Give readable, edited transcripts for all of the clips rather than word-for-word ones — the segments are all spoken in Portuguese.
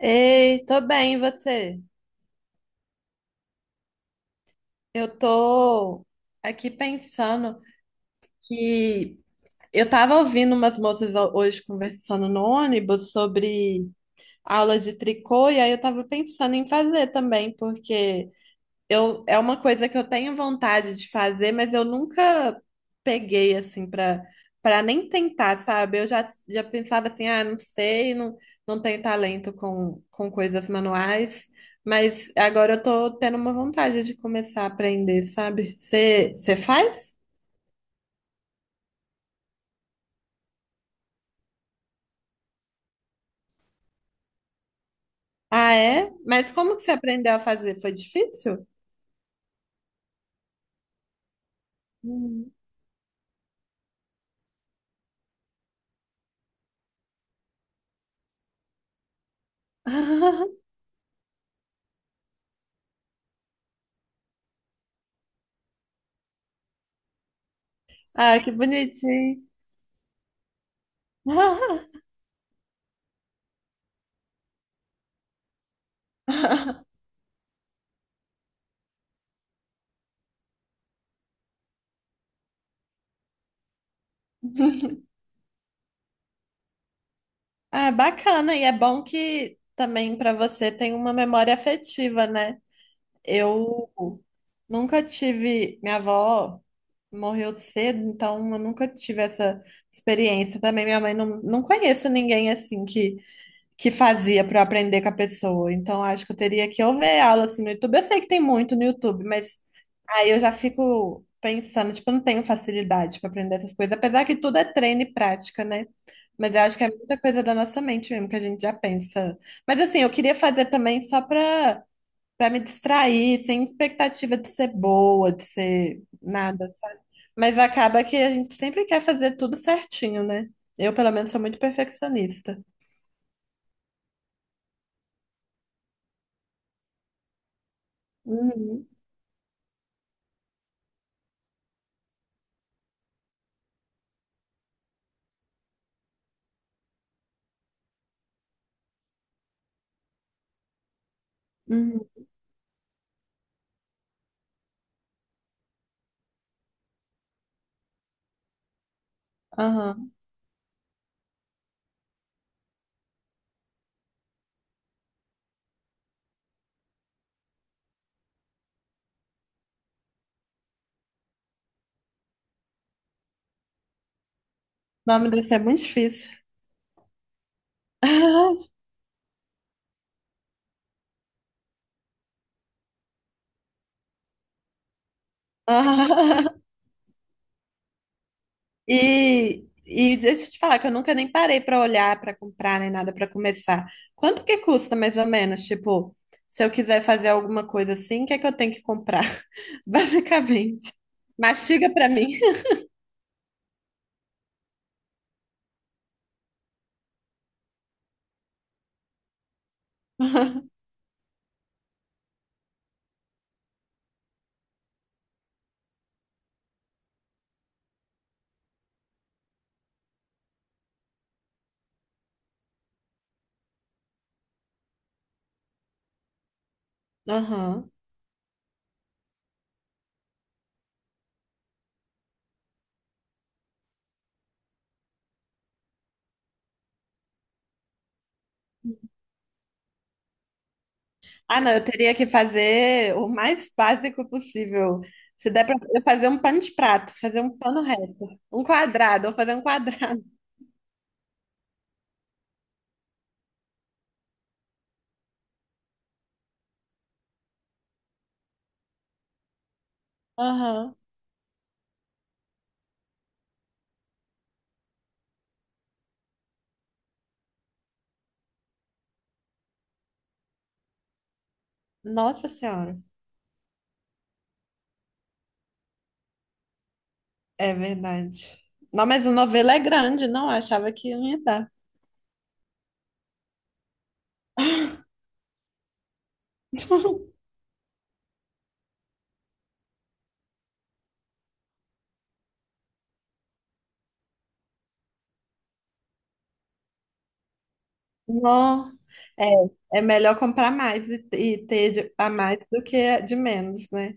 Ei, tô bem, e você? Eu tô aqui pensando que eu tava ouvindo umas moças hoje conversando no ônibus sobre aula de tricô, e aí eu tava pensando em fazer também, porque é uma coisa que eu tenho vontade de fazer, mas eu nunca peguei assim para nem tentar, sabe? Eu já pensava assim, ah, não sei, não, não tenho talento com coisas manuais, mas agora eu tô tendo uma vontade de começar a aprender, sabe? Você faz? Ah, é? Mas como que você aprendeu a fazer? Foi difícil? Hum. Ah, que bonitinho. Ah, bacana, e é bom que também para você tem uma memória afetiva, né? Eu nunca tive, minha avó morreu cedo, então eu nunca tive essa experiência também. Minha mãe não, não conheço ninguém assim que fazia para eu aprender com a pessoa. Então, acho que eu teria que ou ver aula assim no YouTube. Eu sei que tem muito no YouTube, mas aí eu já fico pensando, tipo, eu não tenho facilidade para aprender essas coisas, apesar que tudo é treino e prática, né? Mas eu acho que é muita coisa da nossa mente mesmo que a gente já pensa. Mas assim, eu queria fazer também só para me distrair, sem expectativa de ser boa, de ser nada, sabe? Mas acaba que a gente sempre quer fazer tudo certinho, né? Eu, pelo menos, sou muito perfeccionista. Uhum. Uhum. Aham. Nome desse é muito difícil. Ah, e deixa eu te falar que eu nunca nem parei pra olhar, pra comprar, nem nada pra começar. Quanto que custa mais ou menos? Tipo, se eu quiser fazer alguma coisa assim, o que é que eu tenho que comprar? Basicamente. Mastiga pra mim. Aham. Ah, não, eu teria que fazer o mais básico possível. Se der pra eu fazer um pano de prato, fazer um pano reto, um quadrado, eu vou fazer um quadrado. Aham. Nossa Senhora. É verdade. Não, mas a novela é grande, não? Eu achava que não ia dar. Não. É, é melhor comprar mais e ter a mais do que de menos, né?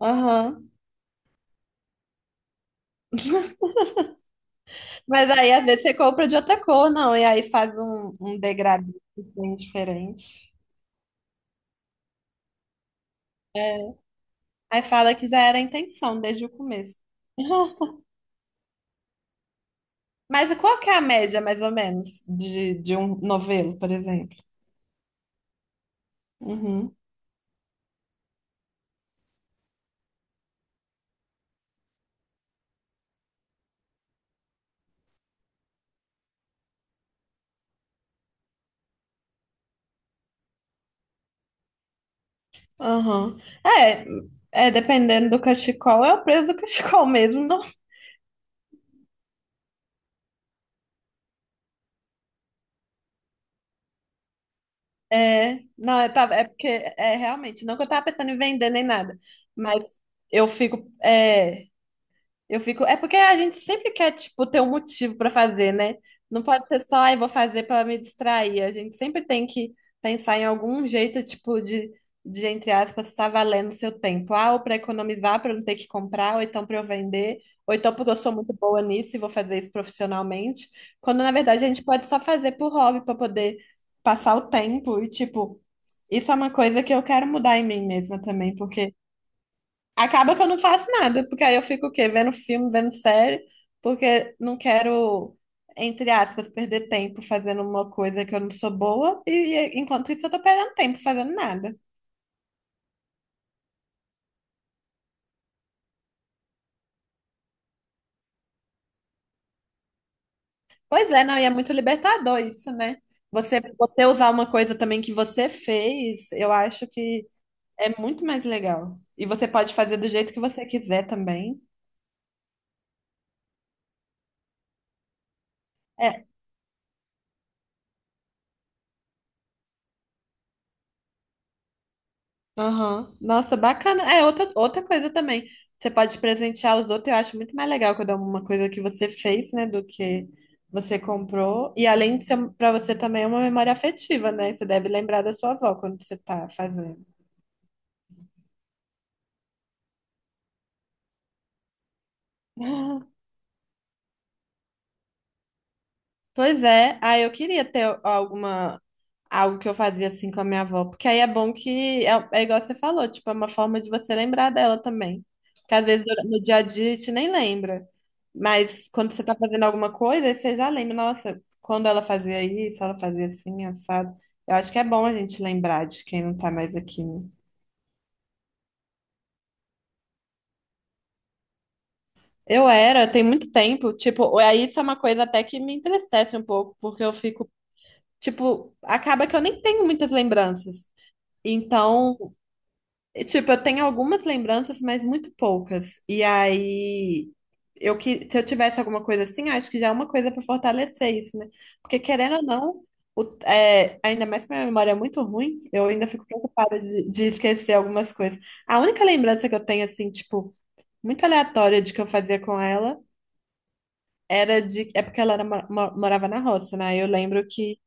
Aham. Mas aí, às vezes, você compra de outra cor, não, e aí faz um, um degradê assim, diferente. É. Aí fala que já era a intenção desde o começo. Mas qual que é a média, mais ou menos, de um novelo, por exemplo? Uhum. Aham. É, é, dependendo do cachecol, é o preço do cachecol mesmo, não? É, não, é, tá, é porque é realmente, não que eu tava pensando em vender nem nada, mas eu fico, é, Eu fico. É porque a gente sempre quer, tipo, ter um motivo para fazer, né? Não pode ser só, ai, vou fazer para me distrair. A gente sempre tem que pensar em algum jeito, tipo, de entre aspas, estar valendo o seu tempo. Ah, ou para economizar, para não ter que comprar, ou então para eu vender, ou então porque eu sou muito boa nisso e vou fazer isso profissionalmente. Quando, na verdade, a gente pode só fazer por hobby, para poder passar o tempo. E, tipo, isso é uma coisa que eu quero mudar em mim mesma também, porque. Acaba que eu não faço nada, porque aí eu fico o quê? Vendo filme, vendo série, porque não quero, entre aspas, perder tempo fazendo uma coisa que eu não sou boa, e enquanto isso eu tô perdendo tempo fazendo nada. Pois é, não, e é muito libertador isso, né? Você usar uma coisa também que você fez, eu acho que é muito mais legal. E você pode fazer do jeito que você quiser também. É, Aham. Nossa, bacana. É, outra, outra coisa também. Você pode presentear os outros. Eu acho muito mais legal quando é uma coisa que você fez, né, do que você comprou. E além de ser para você também é uma memória afetiva, né? Você deve lembrar da sua avó quando você tá fazendo. Pois é, aí eu queria ter alguma algo que eu fazia assim com a minha avó, porque aí é bom que é, é igual você falou, tipo, é uma forma de você lembrar dela também. Porque às vezes no dia a dia a gente nem lembra, mas quando você tá fazendo alguma coisa, aí você já lembra, nossa, quando ela fazia isso, ela fazia assim, assado. Eu acho que é bom a gente lembrar de quem não tá mais aqui, né? Eu era, tem muito tempo, tipo, aí isso é uma coisa até que me entristece um pouco, porque eu fico, tipo, acaba que eu nem tenho muitas lembranças. Então, tipo, eu tenho algumas lembranças, mas muito poucas. E aí, eu que se eu tivesse alguma coisa assim, acho que já é uma coisa para fortalecer isso, né? Porque querendo ou não, é, ainda mais que minha memória é muito ruim, eu ainda fico preocupada de esquecer algumas coisas. A única lembrança que eu tenho, assim, tipo, muito aleatória de que eu fazia com ela era de. É porque ela era, morava na roça, né? Eu lembro que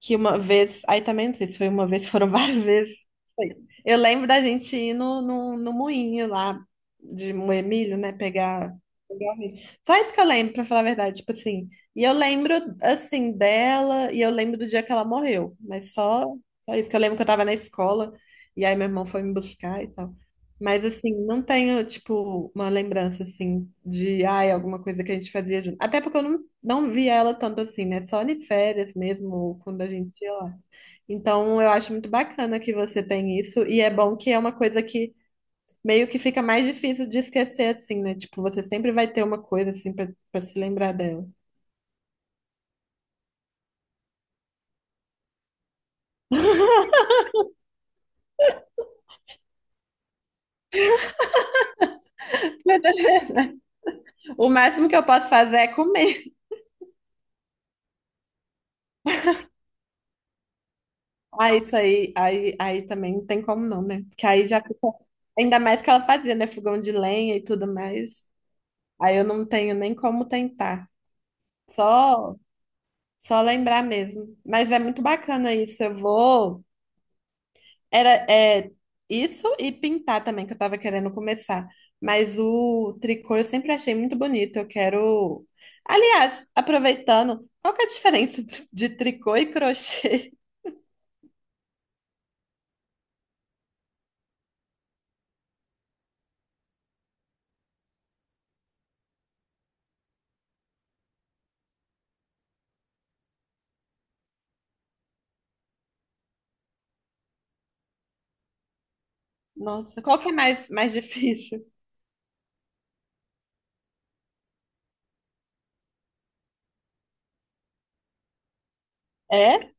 que uma vez, aí também não sei se foi uma vez, foram várias vezes. Foi. Eu lembro da gente ir no moinho lá de moer milho, né? Pegar o milho. Só isso que eu lembro, pra falar a verdade, tipo assim. E eu lembro, assim, dela, e eu lembro do dia que ela morreu, mas só, só isso que eu lembro que eu tava na escola, e aí meu irmão foi me buscar e tal. Mas assim, não tenho, tipo, uma lembrança assim de ai, alguma coisa que a gente fazia junto. Até porque eu não via ela tanto assim, né? Só em férias mesmo, ou quando a gente ia lá. Então eu acho muito bacana que você tem isso, e é bom que é uma coisa que meio que fica mais difícil de esquecer, assim, né? Tipo, você sempre vai ter uma coisa assim pra se lembrar dela. O máximo que eu posso fazer é comer. Ah, isso aí também não tem como não, né? Porque aí já fica. Ainda mais que ela fazia, né? Fogão de lenha e tudo mais. Aí eu não tenho nem como tentar. Só, só lembrar mesmo. Mas é muito bacana isso. Eu vou. Era, é, isso e pintar também, que eu tava querendo começar. Mas o tricô eu sempre achei muito bonito. Eu quero. Aliás, aproveitando, qual que é a diferença de tricô e crochê? Nossa, qual que é mais difícil? É?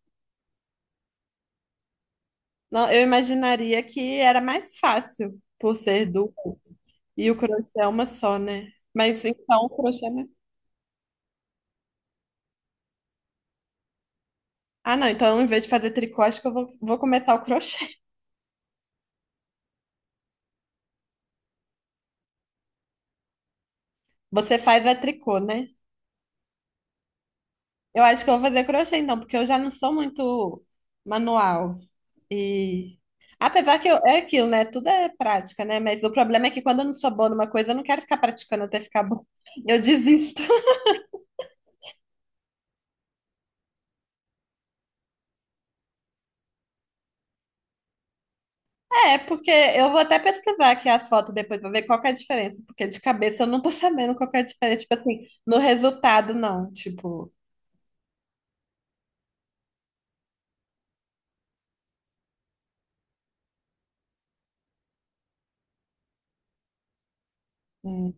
Não, eu imaginaria que era mais fácil por ser duas e o crochê é uma só, né? Mas então o crochê não... Ah, não, então em vez de fazer tricô, acho que eu vou começar o crochê. Você faz a tricô, né? Eu acho que eu vou fazer crochê então, porque eu já não sou muito manual. E apesar que eu- é aquilo, né? Tudo é prática, né? Mas o problema é que quando eu não sou boa numa coisa, eu não quero ficar praticando até ficar bom. Eu desisto. É, porque eu vou até pesquisar aqui as fotos depois pra ver qual que é a diferença, porque de cabeça eu não tô sabendo qual que é a diferença, tipo assim, no resultado não, tipo, hum.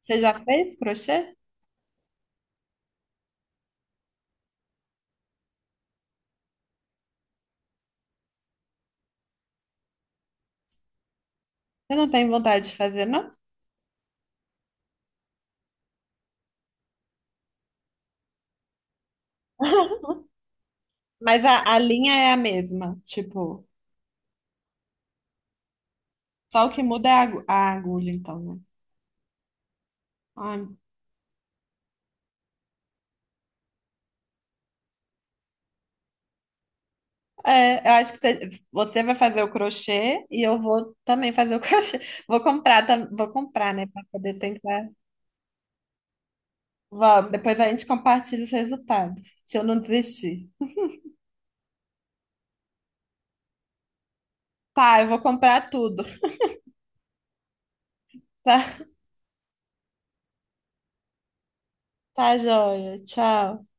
Você já fez crochê? Eu não tenho vontade de fazer, não? Mas a linha é a mesma, tipo, só o que muda é a, a agulha, então, né? Ai, é, eu acho que você vai fazer o crochê e eu vou também fazer o crochê. Vou comprar, vou comprar, né, pra poder tentar. Vamos, depois a gente compartilha os resultados, se eu não desistir. Tá, eu vou comprar tudo. Tá, tá joia. Tchau.